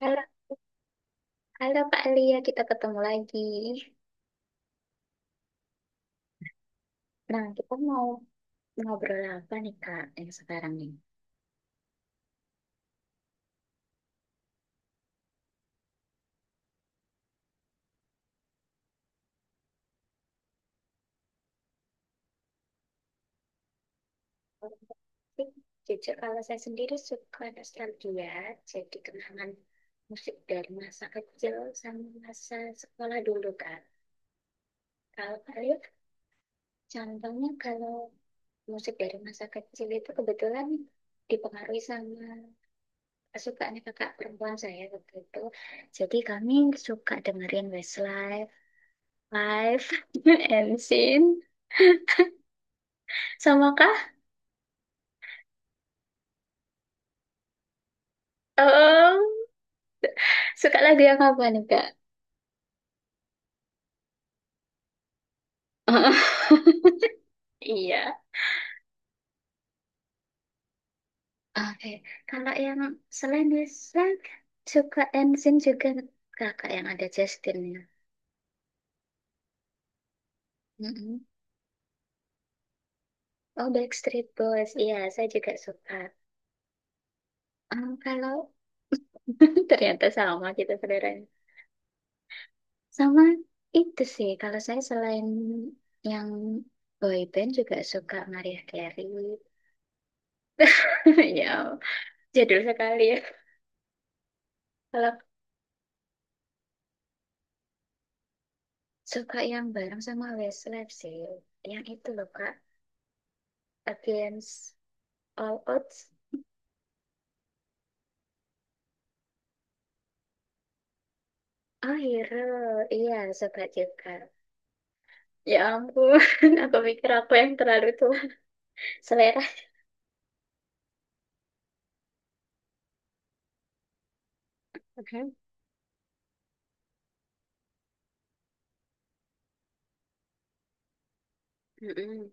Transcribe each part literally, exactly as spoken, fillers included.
Halo, halo Kak Lia, kita ketemu lagi. Nah, kita mau ngobrol apa nih Kak yang sekarang nih? Kalau musik, jujur kalau saya sendiri suka nostalgia, jadi kenangan musik dari masa kecil sama masa sekolah dulu Kak. Kalau Kak Lia, contohnya kalau musik dari masa kecil itu kebetulan dipengaruhi sama kesukaannya kakak perempuan saya waktu itu. Jadi kami suka dengerin Westlife, Live and sin, Sama kah? Em, suka lagu yang apa nih, Kak? Iya. Oke. Kalau yang selain Zack, suka Ensin juga kakak yang ada Justinnya. Mm-mm. Oh, Backstreet Boys. Iya, saya juga suka. Em, kalau ternyata sama kita saudaranya. Sama itu sih. Kalau saya selain yang boyband juga suka Mariah Carey. Ya. Jadul sekali ya. Kalau suka yang bareng sama Westlife sih. Yang itu loh Kak. Against All Odds. Oh Hero. Iya suka juga. Ya ampun. Aku pikir aku yang terlalu tua. Selera. Oke. Mm-mm.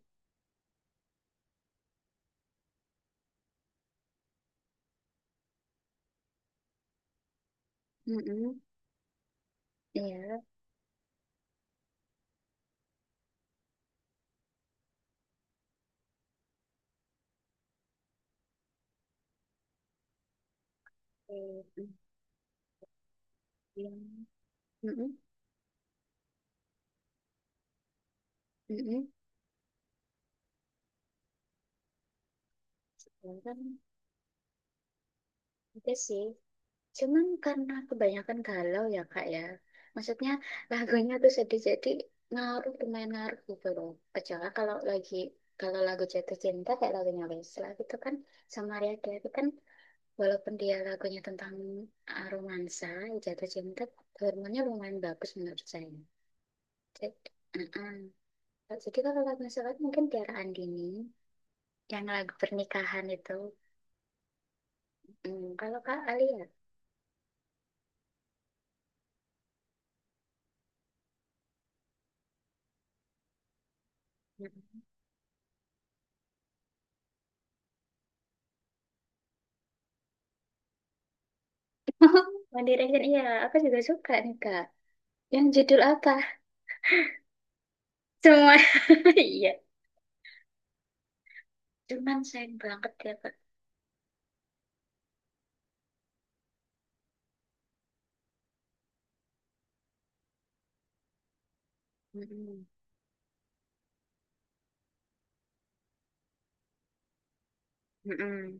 Mm-mm. Iya. Mm-mm. Mm-mm. Mm-mm. Ya kan? Itu sih. Cuman karena kebanyakan galau ya kak ya. Maksudnya lagunya tuh sedih jadi ngaruh lumayan ngaruh gitu loh. Kecuali kalau lagi kalau lagu jatuh cinta kayak lagunya Wesla gitu kan sama Maria Carey kan walaupun dia lagunya tentang ah, romansa jatuh cinta hormonnya lumayan bagus menurut saya. Jadi, uh-uh. Jadi kalau lagu Wesla kan mungkin Tiara Andini yang lagu pernikahan itu. Hmm, kalau Kak Ali ya. One Direction iya aku juga suka nih Kak. Yang judul apa? Semua. Iya. Cuman sayang banget ya, Kak. Mm-mm. Mm-mm.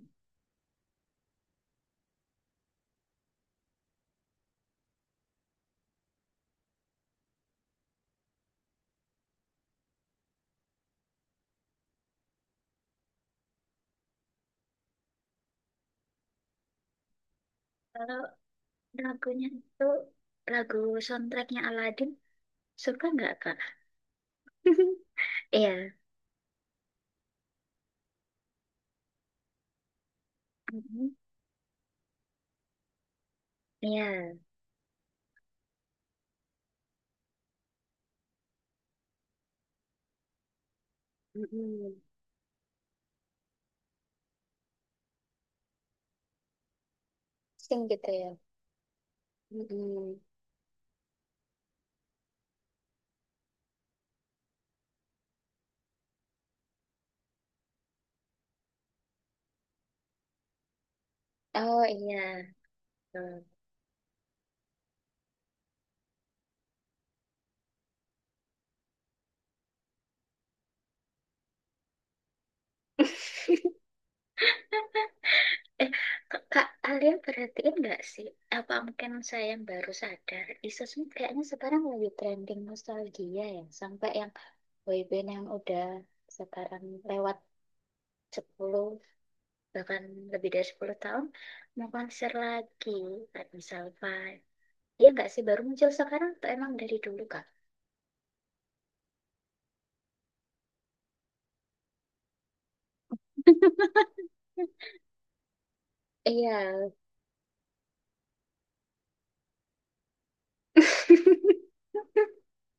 Kalau lagunya itu lagu soundtracknya Aladdin, suka nggak, Kak? Iya. Mm-mm. Iya. Mm-mm. Sing gitu ya. Mm-mm. Oh iya. Tuh. Eh, Kak, Kak Alia perhatiin nggak sih? Apa mungkin saya yang baru sadar? Isus ini kayaknya sekarang lagi trending nostalgia ya. Sampai yang boyband yang udah sekarang lewat sepuluh bahkan lebih dari sepuluh tahun, mau konser lagi. Kayak misal Five. Iya nggak sih? Baru muncul sekarang atau emang dari dulu, Kak? Iya.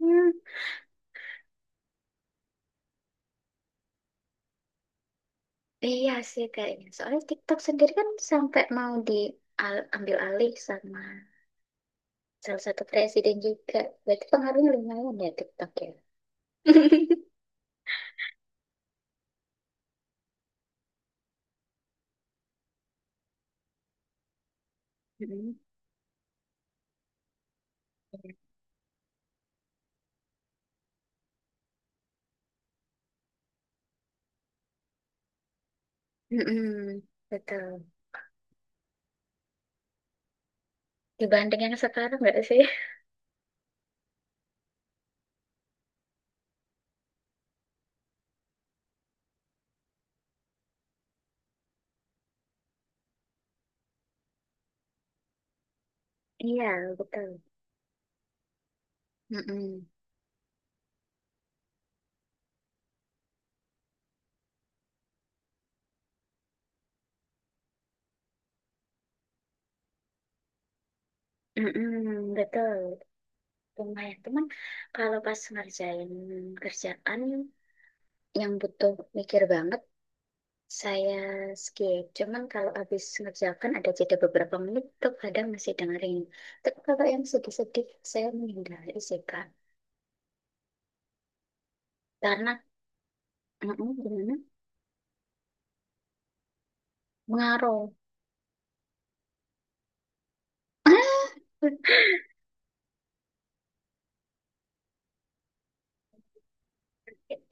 Iya sih kayaknya. Soalnya TikTok sendiri kan sampai mau diambil alih sama salah satu presiden juga. Berarti pengaruhnya lumayan ya TikTok ya. Mm-mm. Mm-mm, betul. Dibanding yang sekarang nggak sih? Iya, betul. Mm-mm. Mm-mm, betul. Lumayan. Cuman kalau pas ngerjain kerjaan yang butuh mikir banget, saya skip, cuman kalau habis mengerjakan ada jeda beberapa menit tuh kadang masih dengerin. Tapi kalau yang sedih-sedih saya menghindari sih Kak. Karena mm gimana? Ngaruh.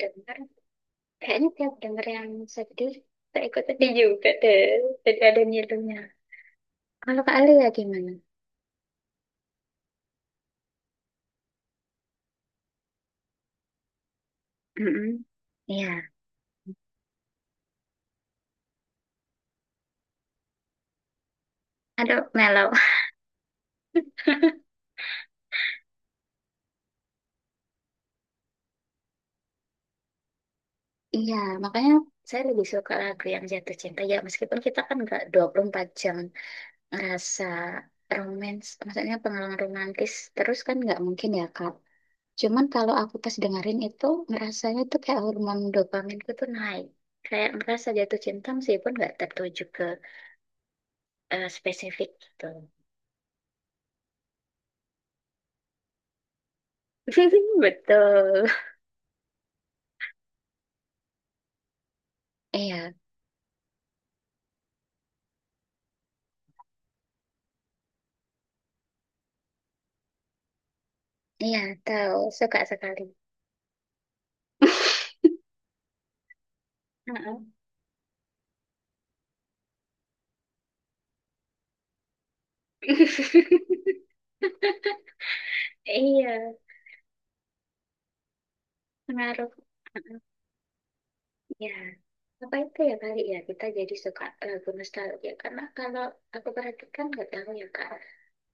Dengar, kayaknya tiap denger yang sedih, saya ikut sedih juga deh. Jadi ada nyilunya. Kalau Kak Ali ya gimana? Mm-mm. Iya, aduh mellow. Iya, makanya saya lebih suka lagu yang jatuh cinta ya meskipun kita kan nggak dua puluh empat jam rasa romance, maksudnya pengalaman romantis terus kan nggak mungkin ya Kak. Cuman kalau aku pas dengerin itu ngerasanya tuh kayak hormon dopaminku tuh naik. Kayak ngerasa jatuh cinta meskipun nggak tertuju ke eh, spesifik gitu. Betul. Iya, iya tahu suka sekali. Heeh. Iya, pengaruh. Ya, apa itu ya kali ya kita jadi suka lagu nostalgia karena kalau aku perhatikan nggak tahu ya kak,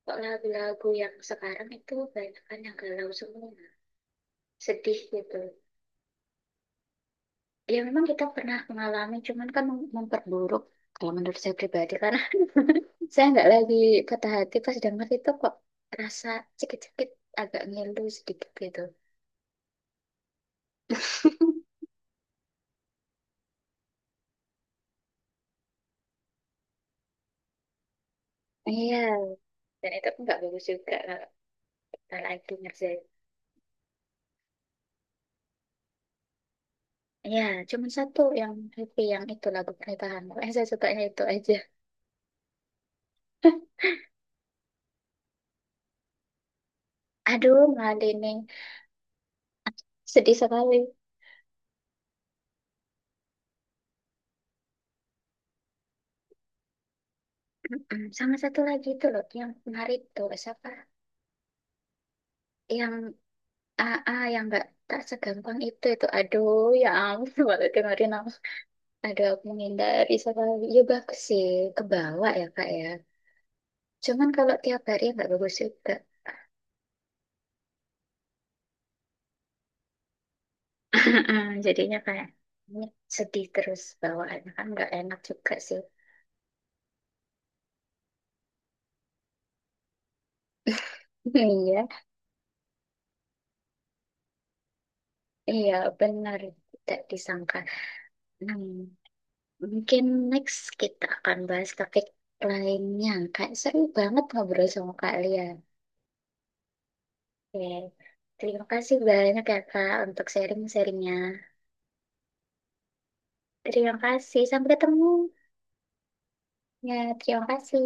kok lagu-lagu yang sekarang itu banyak kan yang galau semua, sedih gitu. Ya memang kita pernah mengalami, cuman kan mem- memperburuk kalau menurut saya pribadi karena saya nggak lagi patah hati pas denger itu kok rasa sakit-sakit agak ngilu sedikit gitu. Iya, dan itu nggak bagus juga kalau kita lagi ngerjain. Ya, cuma satu yang happy yang itu lagu pernikahan. Eh saya sukanya itu aja. Aduh, Malini. Sedih sekali. Mm-mm. Sama satu lagi itu loh, yang penari itu. Siapa? Yang A A, yang nggak tak segampang itu. Itu, aduh, ya ampun. Waktu dengerin aku. Aduh, aku menghindari sekali. Ya, bagus sih. Kebawa ya, Kak ya. Cuman kalau tiap hari nggak bagus juga. Jadinya kayak sedih terus bawaannya kan nggak enak juga sih. Iya. Iya, benar. Tidak disangka. Hmm, mungkin next kita akan bahas topik lainnya. Kayak seru banget ngobrol sama Kak Lia. Oke. Terima kasih banyak ya Kak untuk sharing-sharingnya. Terima kasih. Sampai ketemu. Ya, terima kasih.